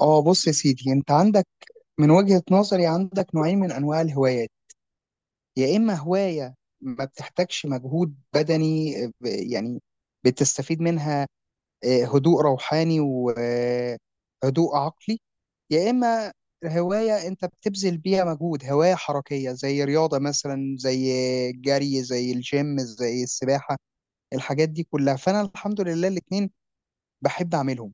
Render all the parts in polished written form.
اه، بص يا سيدي، انت عندك، من وجهة نظري، عندك نوعين من انواع الهوايات. يا اما هواية ما بتحتاجش مجهود بدني، يعني بتستفيد منها هدوء روحاني وهدوء عقلي. يا اما هواية انت بتبذل بيها مجهود، هواية حركية زي رياضة مثلا، زي الجري، زي الجيم، زي السباحة، الحاجات دي كلها. فانا الحمد لله الاتنين بحب اعملهم.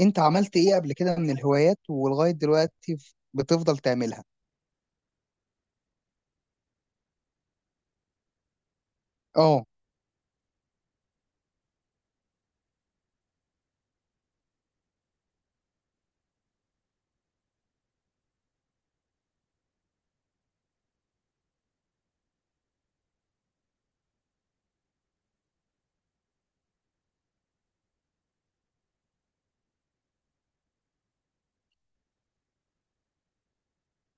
انت عملت ايه قبل كده من الهوايات ولغاية دلوقتي بتفضل تعملها؟ اه،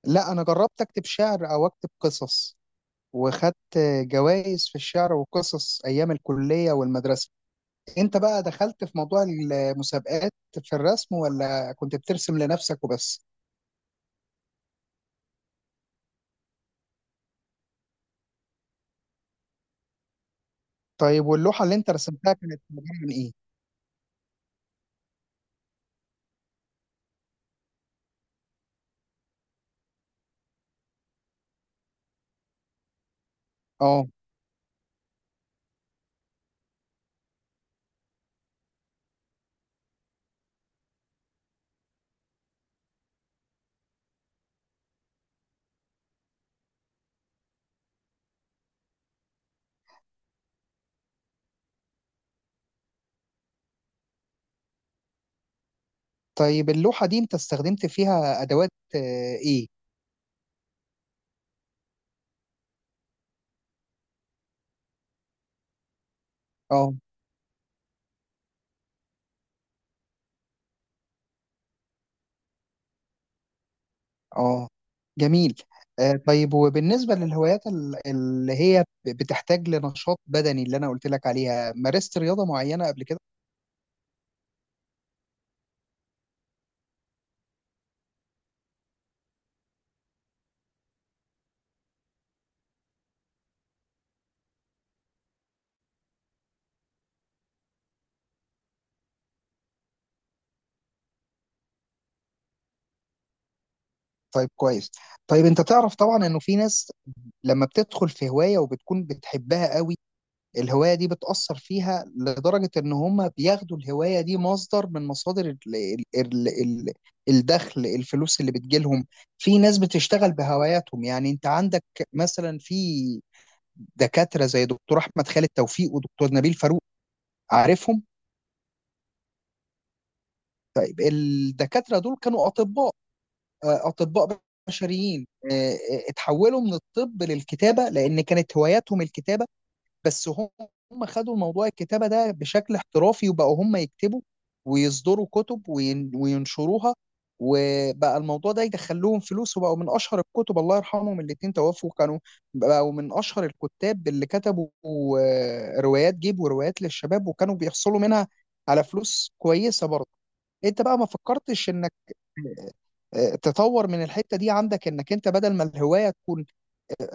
لا انا جربت اكتب شعر او اكتب قصص، وخدت جوائز في الشعر والقصص ايام الكلية والمدرسة. انت بقى دخلت في موضوع المسابقات في الرسم ولا كنت بترسم لنفسك وبس؟ طيب، واللوحة اللي انت رسمتها كانت عبارة عن ايه؟ اه، طيب، اللوحة دي انت استخدمت فيها ادوات آه، ايه؟ اه. اه، جميل. طيب، وبالنسبة للهوايات اللي هي بتحتاج لنشاط بدني، اللي أنا قلت لك عليها، مارست رياضة معينة قبل كده؟ طيب، كويس. طيب، أنت تعرف طبعا إنه في ناس لما بتدخل في هواية وبتكون بتحبها قوي، الهواية دي بتأثر فيها لدرجة إن هم بياخدوا الهواية دي مصدر من مصادر ال ال ال ال الدخل، الفلوس اللي بتجيلهم. في ناس بتشتغل بهواياتهم. يعني أنت عندك مثلا، في دكاتره زي دكتور احمد خالد توفيق ودكتور نبيل فاروق، عارفهم. طيب، الدكاتره دول كانوا اطباء، اطباء بشريين. اتحولوا من الطب للكتابه، لان كانت هواياتهم الكتابه. بس هم خدوا الموضوع الكتابة ده بشكل احترافي، وبقوا هم يكتبوا ويصدروا كتب وينشروها. وبقى الموضوع ده يدخلهم فلوس، وبقوا من أشهر الكتب. الله يرحمهم، الاتنين توفوا. كانوا بقوا من أشهر الكتاب اللي كتبوا روايات جيب وروايات للشباب، وكانوا بيحصلوا منها على فلوس كويسة برضه. انت بقى ما فكرتش انك تطور من الحتة دي عندك، انك انت بدل ما الهواية تكون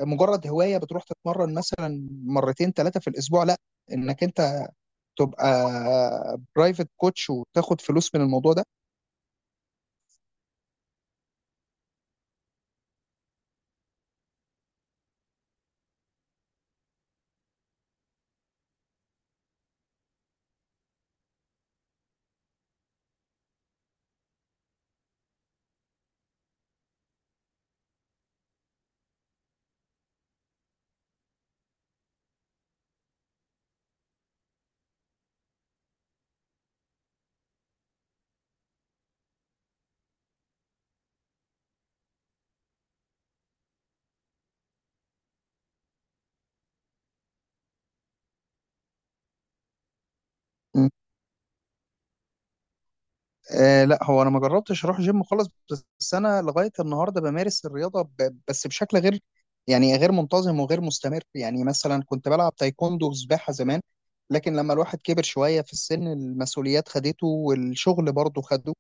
مجرد هوايه بتروح تتمرن مثلا مرتين ثلاثه في الاسبوع، لا، انك انت تبقى برايفت كوتش وتاخد فلوس من الموضوع ده؟ م. لا، هو انا ما جربتش اروح جيم خالص. بس انا لغايه النهارده بمارس الرياضه بس بشكل غير، يعني غير منتظم وغير مستمر. يعني مثلا كنت بلعب تايكوندو وسباحه زمان، لكن لما الواحد كبر شويه في السن المسؤوليات خدته والشغل برضه خده.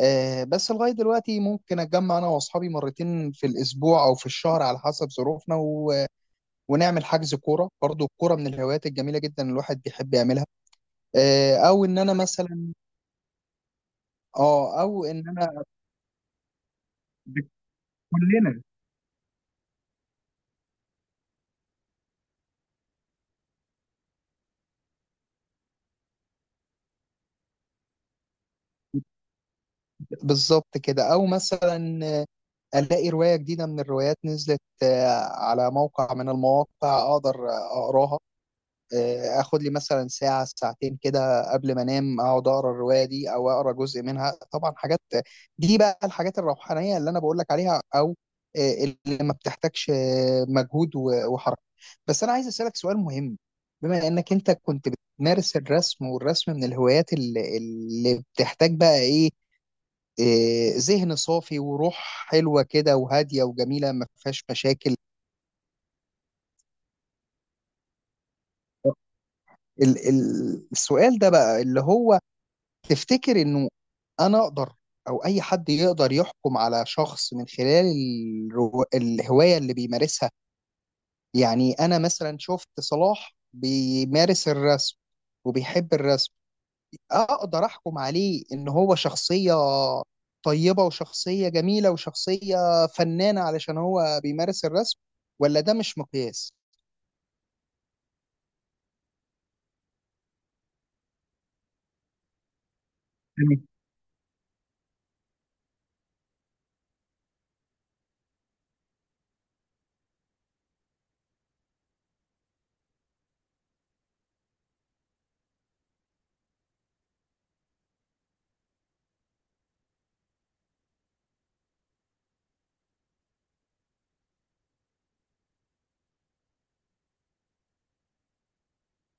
بس لغاية دلوقتي ممكن أتجمع أنا وأصحابي مرتين في الأسبوع أو في الشهر على حسب ظروفنا، ونعمل حجز كورة. برضو الكورة من الهوايات الجميلة جدا الواحد بيحب يعملها. أو إن أنا مثلا، أه أو إن أنا، كلنا. بالظبط كده. أو مثلا ألاقي رواية جديدة من الروايات نزلت، على موقع من المواقع، أقدر أقراها. اخد لي مثلا ساعه ساعتين كده قبل ما انام، اقعد اقرا الروايه دي او اقرا جزء منها. طبعا حاجات دي بقى الحاجات الروحانيه اللي انا بقول لك عليها، او اللي ما بتحتاجش مجهود وحركه. بس انا عايز اسالك سؤال مهم. بما انك انت كنت بتمارس الرسم، والرسم من الهوايات اللي بتحتاج بقى ايه؟ ذهن صافي وروح حلوه كده وهاديه وجميله، ما فيهاش مشاكل. السؤال ده بقى اللي هو، تفتكر انه انا اقدر او اي حد يقدر يحكم على شخص من خلال الهواية اللي بيمارسها؟ يعني انا مثلا شفت صلاح بيمارس الرسم وبيحب الرسم، اقدر احكم عليه ان هو شخصية طيبة وشخصية جميلة وشخصية فنانة علشان هو بيمارس الرسم؟ ولا ده مش مقياس؟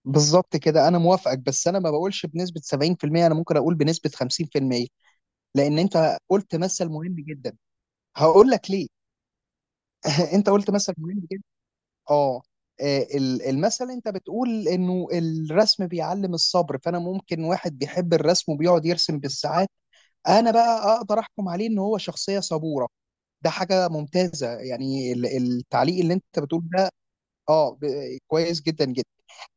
بالظبط كده، انا موافقك. بس انا ما بقولش بنسبة 70%، انا ممكن اقول بنسبة 50%. لان انت قلت مثل مهم جدا، هقول لك ليه. انت قلت مثل مهم جدا. اه، المثل انت بتقول انه الرسم بيعلم الصبر، فانا ممكن واحد بيحب الرسم وبيقعد يرسم بالساعات، انا بقى اقدر احكم عليه ان هو شخصية صبورة. ده حاجة ممتازة. يعني التعليق اللي انت بتقول ده، اه كويس جدا جدا.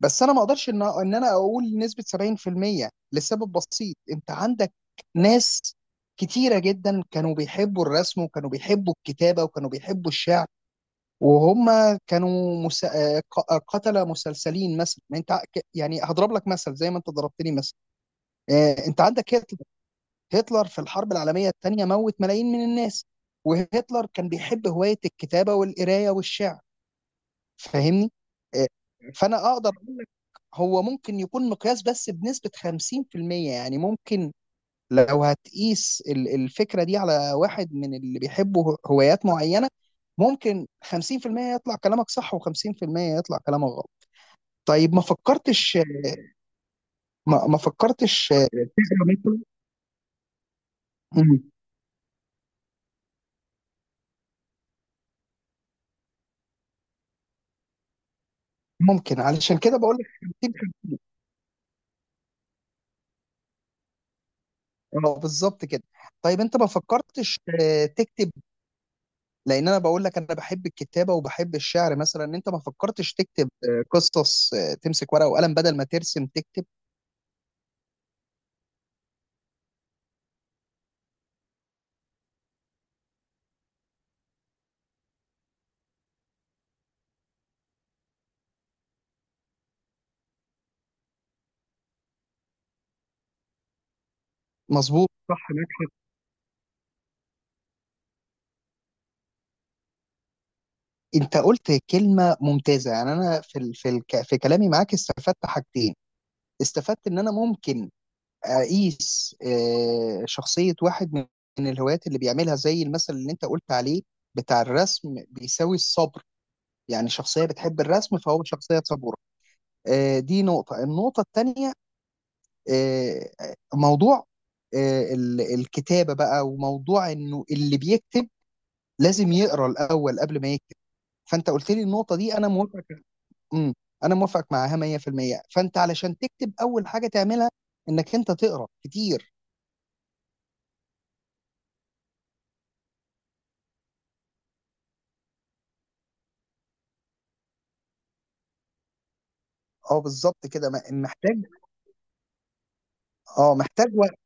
بس انا ما اقدرش ان انا اقول نسبه 70% لسبب بسيط. انت عندك ناس كتيره جدا كانوا بيحبوا الرسم وكانوا بيحبوا الكتابه وكانوا بيحبوا الشعر، وهم كانوا مس... آه، ق- آه، قتله مسلسلين مثلا. ما انت يعني هضرب لك مثل زي ما انت ضربتني مثل. انت عندك هتلر، هتلر في الحرب العالميه الثانيه موت ملايين من الناس. وهتلر كان بيحب هوايه الكتابه والقرايه والشعر، فاهمني؟ آه، فانا اقدر، هو ممكن يكون مقياس بس بنسبة 50%. يعني ممكن لو هتقيس الفكرة دي على واحد من اللي بيحبوا هوايات معينة، ممكن 50% يطلع كلامك صح و50% يطلع كلامك غلط. طيب، ما فكرتش، ما فكرتش تقرا مثلا؟ مم. ممكن، علشان كده بقول لك 50. اه بالظبط كده. طيب، انت ما فكرتش تكتب؟ لان انا بقول لك انا بحب الكتابه وبحب الشعر مثلا، انت ما فكرتش تكتب قصص، تمسك ورقه وقلم بدل ما ترسم تكتب؟ مظبوط، صح، معاك حق. انت قلت كلمه ممتازه. يعني انا في في كلامي معاك استفدت حاجتين. استفدت ان انا ممكن اقيس شخصيه واحد من الهوايات اللي بيعملها، زي المثل اللي انت قلت عليه بتاع الرسم بيساوي الصبر، يعني شخصيه بتحب الرسم فهو شخصيه صبوره. دي نقطه. النقطه الثانيه، موضوع الكتابة بقى، وموضوع انه اللي بيكتب لازم يقرا الاول قبل ما يكتب. فانت قلت لي النقطة دي، انا موافق. امم انا موافق معاها 100%. فانت علشان تكتب، اول حاجة تعملها انك انت تقرا كتير. اه بالظبط كده. محتاج، اه، محتاج وقت.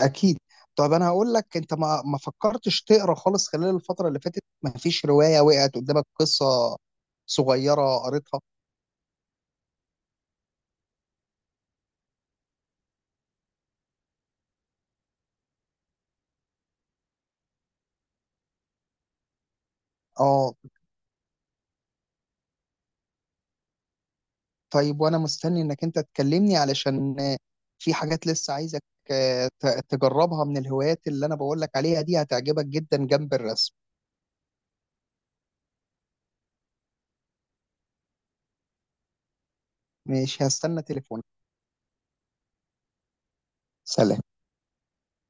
اكيد. طب انا هقول لك، انت ما فكرتش تقرا خالص خلال الفترة اللي فاتت؟ ما فيش رواية وقعت قدامك، قصة صغيرة قريتها؟ اه. طيب، وانا مستني انك انت تكلمني علشان في حاجات لسه عايزك تجربها من الهوايات اللي انا بقول لك عليها دي، هتعجبك جدا جنب الرسم. ماشي، هستنى تليفونك. سلام.